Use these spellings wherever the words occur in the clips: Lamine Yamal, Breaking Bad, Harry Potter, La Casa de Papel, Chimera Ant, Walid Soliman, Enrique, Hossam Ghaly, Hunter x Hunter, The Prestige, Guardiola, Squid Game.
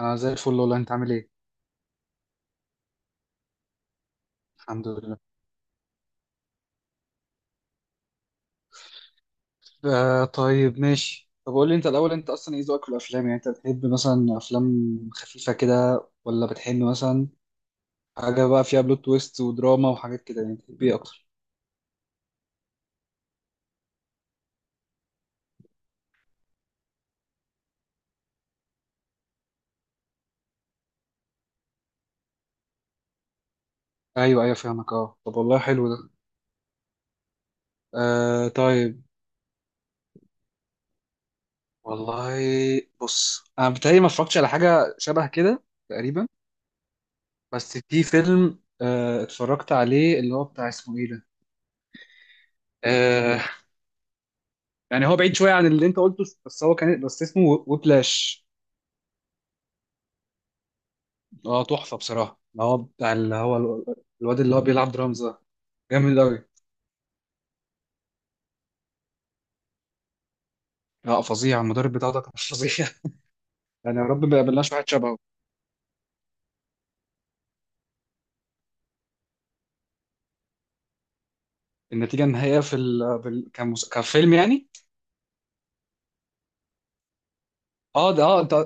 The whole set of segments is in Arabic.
انا زي الفل والله، انت عامل ايه؟ الحمد لله. آه طيب ماشي. طب قول لي انت الاول، انت اصلا ايه ذوقك في الافلام؟ يعني انت بتحب مثلا افلام خفيفه كده، ولا بتحب مثلا حاجه بقى فيها بلوت تويست ودراما وحاجات كده؟ يعني بتحب ايه اكتر؟ ايوه فاهمك. اه طب والله حلو ده. آه طيب. والله بص، انا بتهيألي ما اتفرجتش على حاجه شبه كده تقريبا. بس في فيلم اتفرجت عليه، اللي هو بتاع اسمه ايه ده، آه، يعني هو بعيد شويه عن اللي انت قلته، بس هو كان بس اسمه ويبلاش. اه تحفه بصراحه. هو بتاع اللي هو الواد اللي هو بيلعب درامز ده، جامد قوي. لا فظيع، المدرب بتاعه ده كان فظيع يعني يا رب ما يقابلناش واحد شبهه. النتيجه النهائيه في كفيلم يعني. اه ده،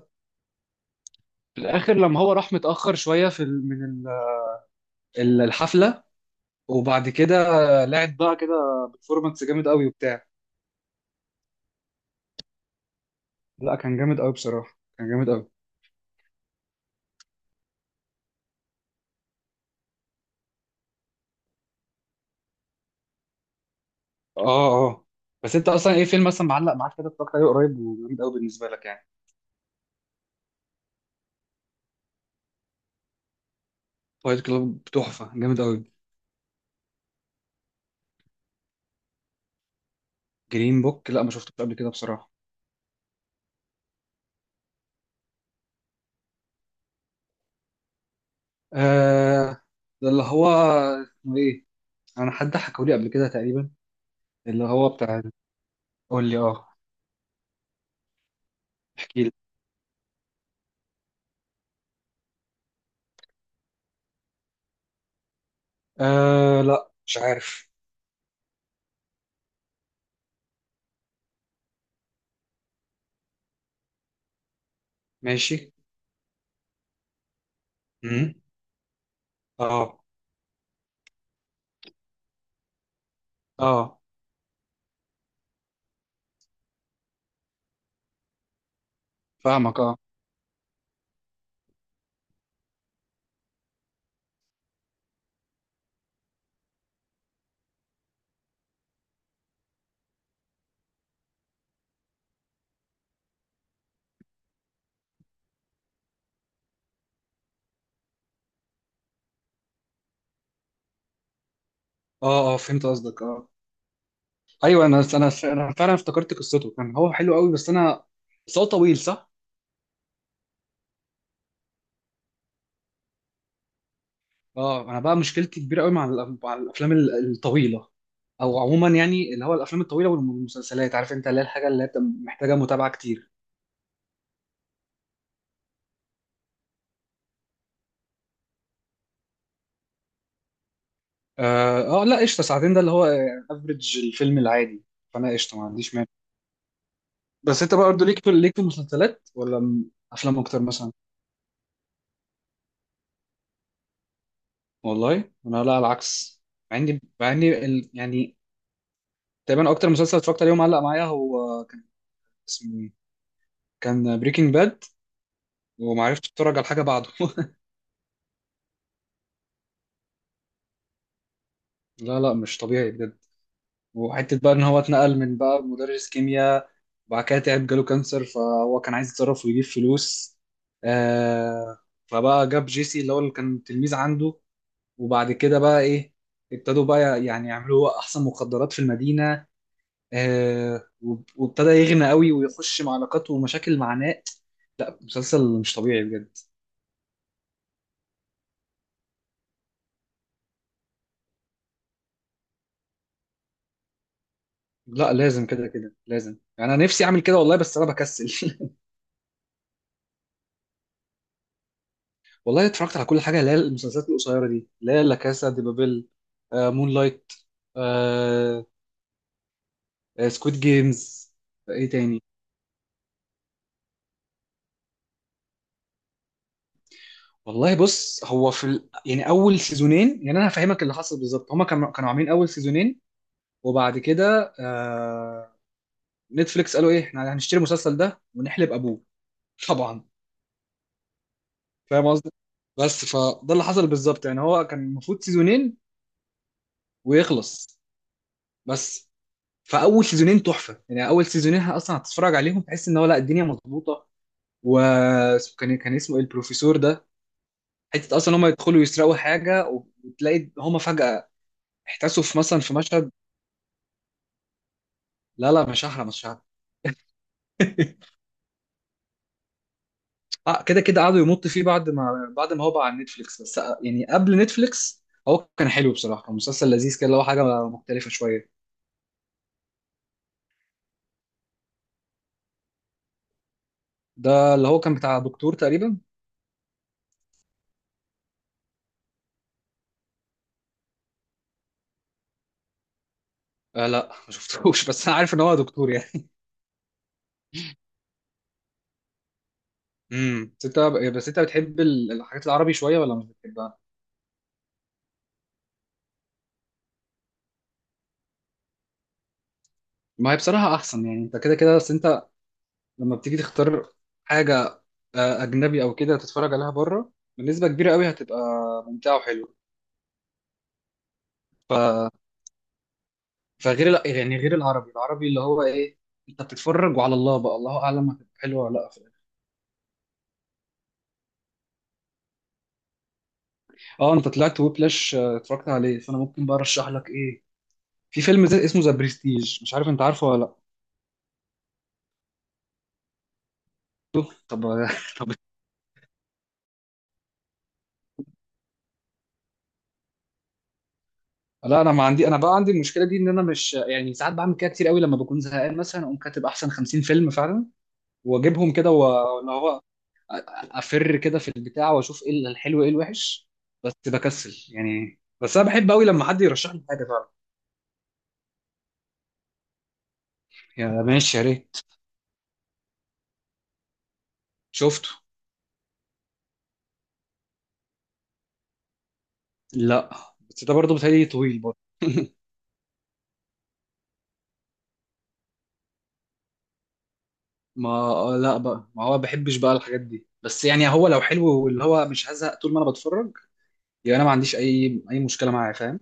في الاخر لما هو راح متاخر شويه في ال... من ال... ال- الحفله، وبعد كده لعب بقى كده بفورمانس جامد قوي وبتاع. لا كان جامد قوي بصراحه، كان جامد قوي. اه اه. بس انت اصلا ايه فيلم مثلا معلق معاك كده اتفرجت عليه قريب وجامد قوي بالنسبه لك يعني؟ فايت كلوب تحفه جامد قوي. جرين بوك لا ما شفتوش قبل كده بصراحة. آه ده اللي هو اسمه ايه، انا حد حكوا لي قبل كده تقريبا. اللي هو بتاع، قول لي اه، احكي لي. آه لا مش عارف. ماشي. امم اه اه فاهمك. اه اه. اه فهمت قصدك اه. ايوه، انا فعلا افتكرت قصته، كان هو حلو قوي، بس انا، بس هو طويل صح. اه انا بقى مشكلتي كبيره قوي مع مع الافلام الطويله. او عموما يعني، اللي هو الافلام الطويله والمسلسلات، عارف انت، اللي هي الحاجه اللي هي بتبقى محتاجه متابعه كتير. اه لا قشطه، ساعتين ده اللي هو افريج الفيلم العادي. فانا قشطه، ما عنديش مانع. بس انت بقى برضه ليك في، ليك في المسلسلات ولا افلام اكتر مثلا؟ والله انا لا، على العكس. مع اني مع اني يعني تقريبا اكتر مسلسل اتفرجت عليه ومعلق معايا هو كان اسمه ايه، كان بريكنج باد. وما عرفتش اتفرج على حاجه بعده لا مش طبيعي بجد. وحته بقى ان هو اتنقل من بقى مدرس كيمياء، وبعد كده تعب، جاله كانسر، فهو كان عايز يتصرف ويجيب فلوس. آه فبقى جاب جيسي اللي هو اللي كان تلميذ عنده. وبعد كده بقى ايه، ابتدوا بقى يعني يعملوا احسن مخدرات في المدينه. آه وابتدى يغنى قوي ويخش مع علاقات ومشاكل مع ناس. مسلسل مش طبيعي بجد. لا لازم كده كده لازم، يعني انا نفسي اعمل كده والله، بس انا بكسل والله اتفرجت على كل حاجه، اللي هي المسلسلات القصيره دي، اللي هي لا كاسا دي بابيل، آه مون لايت، آه سكويد جيمز. ايه تاني، والله بص، هو في يعني اول سيزونين، يعني انا هفهمك اللي حصل بالظبط. هما كانوا عاملين اول سيزونين، وبعد كده آه نتفليكس قالوا ايه، احنا هنشتري المسلسل ده ونحلب ابوه. طبعا، فاهم قصدي. بس فده اللي حصل بالظبط، يعني هو كان المفروض سيزونين ويخلص. بس فاول سيزونين تحفه، يعني اول سيزونين اصلا هتتفرج عليهم تحس ان هو لا الدنيا مظبوطه. و كان كان اسمه ايه البروفيسور ده، حته اصلا هم يدخلوا يسرقوا حاجه وتلاقي هم فجاه احتسوا في مثلا في مشهد. لا مش هحرق، مش هحرق. كده كده قعدوا يمط فيه، بعد ما هو بقى على نتفليكس. بس يعني قبل نتفليكس هو كان حلو بصراحه، كان مسلسل لذيذ كده، اللي هو حاجه مختلفه شويه. ده اللي هو كان بتاع دكتور تقريبا. آه لا ما شفتوش بس انا عارف ان هو دكتور يعني. بس انت، بس انت بتحب الحاجات العربي شويه ولا مش بتحبها؟ ما هي بصراحه احسن، يعني انت كده كده. بس انت لما بتيجي تختار حاجه اجنبي او كده تتفرج عليها بره، بنسبه كبيره قوي هتبقى ممتعه وحلوه. ف... فغير يعني غير العربي، العربي اللي هو ايه، انت بتتفرج وعلى الله بقى، الله اعلم هتبقى حلوه ولا لا في الآخر. اه انت طلعت ويبلاش اتفرجت عليه، فانا ممكن بقى ارشح لك ايه؟ في فيلم زي اسمه ذا بريستيج، مش عارف انت عارفه ولا لا. طب لا انا ما عندي، انا بقى عندي المشكله دي ان انا مش يعني، ساعات بعمل كده كتير قوي، لما بكون زهقان مثلا اقوم كاتب احسن 50 فيلم فعلا واجيبهم كده، واللي هو افر كده في البتاع واشوف ايه الحلو ايه الوحش. بس بكسل يعني، بس انا بحب قوي لما حد يرشح لي حاجه فعلا. يا ماشي يا ريت. شفته. لا بس ده برضه بتهيألي طويل برضه ما لا بقى، ما هو بحبش بقى الحاجات دي، بس يعني هو لو حلو واللي هو مش هزهق طول ما انا بتفرج. يعني انا ما عنديش اي مشكله معاه، فاهم.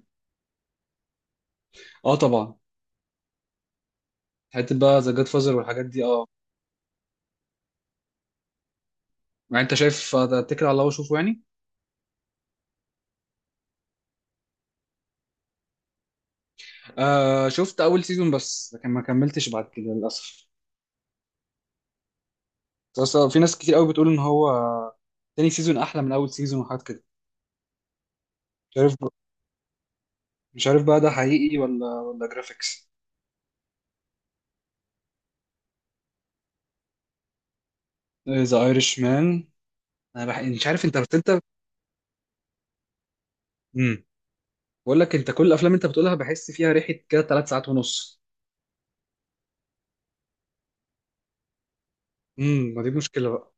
اه طبعا، حته بقى ذا جاد فازر والحاجات دي اه. يعني انت شايف اتكل على الله وشوفه يعني. آه شفت اول سيزون بس، لكن ما كملتش بعد كده للاسف. بس في ناس كتير قوي بتقول ان هو تاني سيزون احلى من اول سيزون وحاجات كده. مش عارف بقى. مش عارف بقى ده حقيقي ولا جرافيكس. ذا ايرش مان، انا مش عارف انت، بس انت امم بقول لك، انت كل الافلام انت بتقولها بحس فيها ريحه كده ثلاث ساعات ونص. امم، ما دي مشكله بقى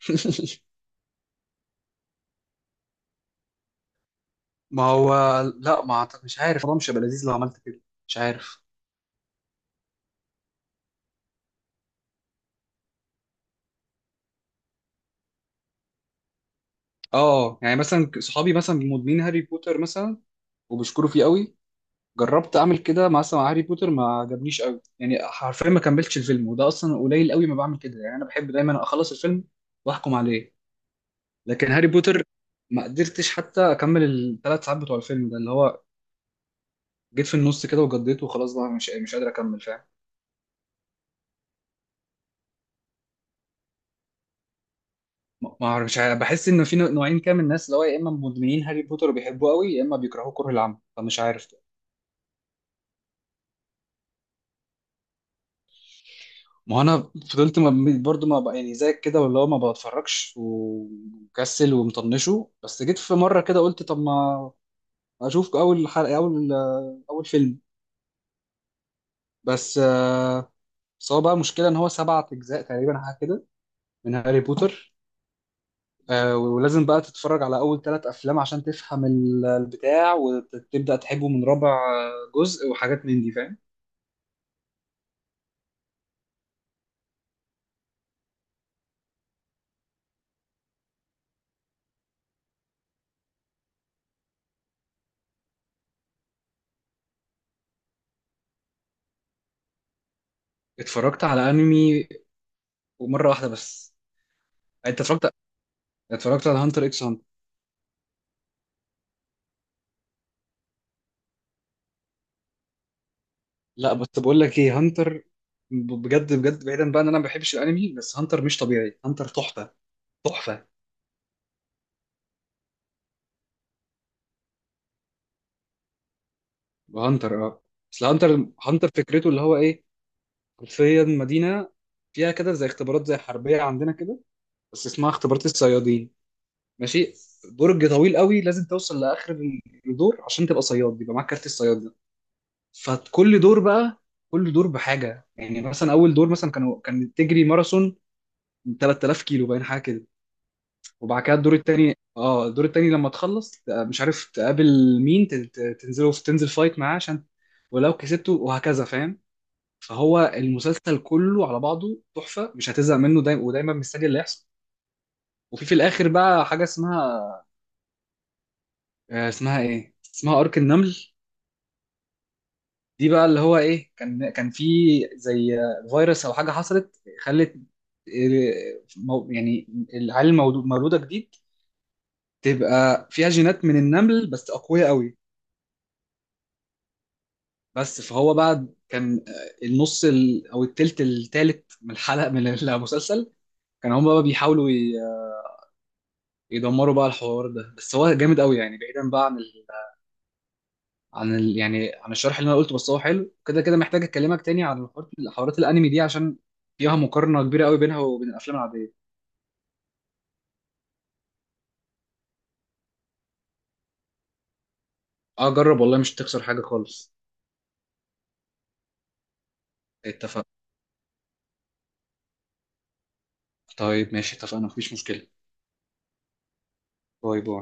ما هو، لا ما مش عارف، الموضوع مش هيبقى لذيذ لو عملت كده، مش عارف. اه يعني مثلا صحابي مثلا مدمنين هاري بوتر مثلا، وبيشكروا فيه قوي. جربت اعمل كده مع مثلا مع هاري بوتر، ما عجبنيش قوي يعني، حرفيا ما كملتش الفيلم، وده اصلا قليل قوي ما بعمل كده، يعني انا بحب دايما اخلص الفيلم واحكم عليه. لكن هاري بوتر ما قدرتش حتى اكمل الثلاث ساعات بتوع الفيلم ده. اللي هو جيت في النص كده وجديت وخلاص بقى، مش قادر اكمل، فاهم. ما اعرف، مش عارف، بحس ان في نوعين كده من الناس، اللي هو يا اما مدمنين هاري بوتر وبيحبوه قوي، يا اما بيكرهوه كره العمى، فمش عارف. ما هو انا فضلت ما برضو ما بقى يعني زيك كده، واللي هو ما بتفرجش ومكسل ومطنشه، بس جيت في مره كده قلت طب ما اشوف اول حلقه، اول اول فيلم. بس بس هو بقى مشكله ان هو سبعة اجزاء تقريبا حاجه كده من هاري بوتر. ولازم بقى تتفرج على اول ثلاث افلام عشان تفهم البتاع وتبدا تحبه من رابع جزء وحاجات من دي، فاهم. اتفرجت على انمي ومره واحده بس. انت اتفرجت، اتفرجت على هانتر اكس. لا بس بقول لك ايه، هانتر، بجد بجد، بعيدا بقى ان انا ما بحبش الانمي، بس هانتر مش طبيعي، هانتر تحفه تحفه. هانتر اه. بس هانتر، هانتر فكرته اللي هو ايه، حرفيا مدينه فيها كده زي اختبارات زي حربيه عندنا كده، بس اسمها اختبارات الصيادين. ماشي. برج طويل قوي لازم توصل لاخر الدور عشان تبقى صياد، يبقى معاك كارت الصياد ده. فكل دور بقى، كل دور بحاجه. يعني مثلا اول دور مثلا كانوا، كان تجري ماراثون 3000 كيلو باين حاجه كده. وبعد كده الدور التاني، اه الدور التاني لما تخلص مش عارف تقابل مين، تنزله في، تنزل فايت معاه عشان، ولو كسبته وهكذا، فاهم. فهو المسلسل كله على بعضه تحفة، مش هتزهق منه، دايما ودايما مستني اللي يحصل. وفي في الاخر بقى حاجة اسمها اسمها ايه، اسمها ارك النمل. دي بقى اللي هو ايه، كان كان في زي فيروس او حاجة حصلت، خلت يعني العيال المولودة جديد تبقى فيها جينات من النمل، بس أقوياء قوي. بس فهو بقى كان النص او التلت، التالت من الحلقه من المسلسل كان هم بقى بيحاولوا يدمروا بقى الحوار ده. بس هو جامد قوي يعني، بعيدا بقى عن يعني عن الشرح اللي انا قلته، بس هو حلو كده كده. محتاج اكلمك تاني عن الحوارات، حوارات الانمي دي، عشان فيها مقارنه كبيره قوي بينها وبين الافلام العاديه. اه جرب والله، مش هتخسر حاجه خالص. اتفق. طيب ماشي اتفقنا، مفيش مشكله. باي باي.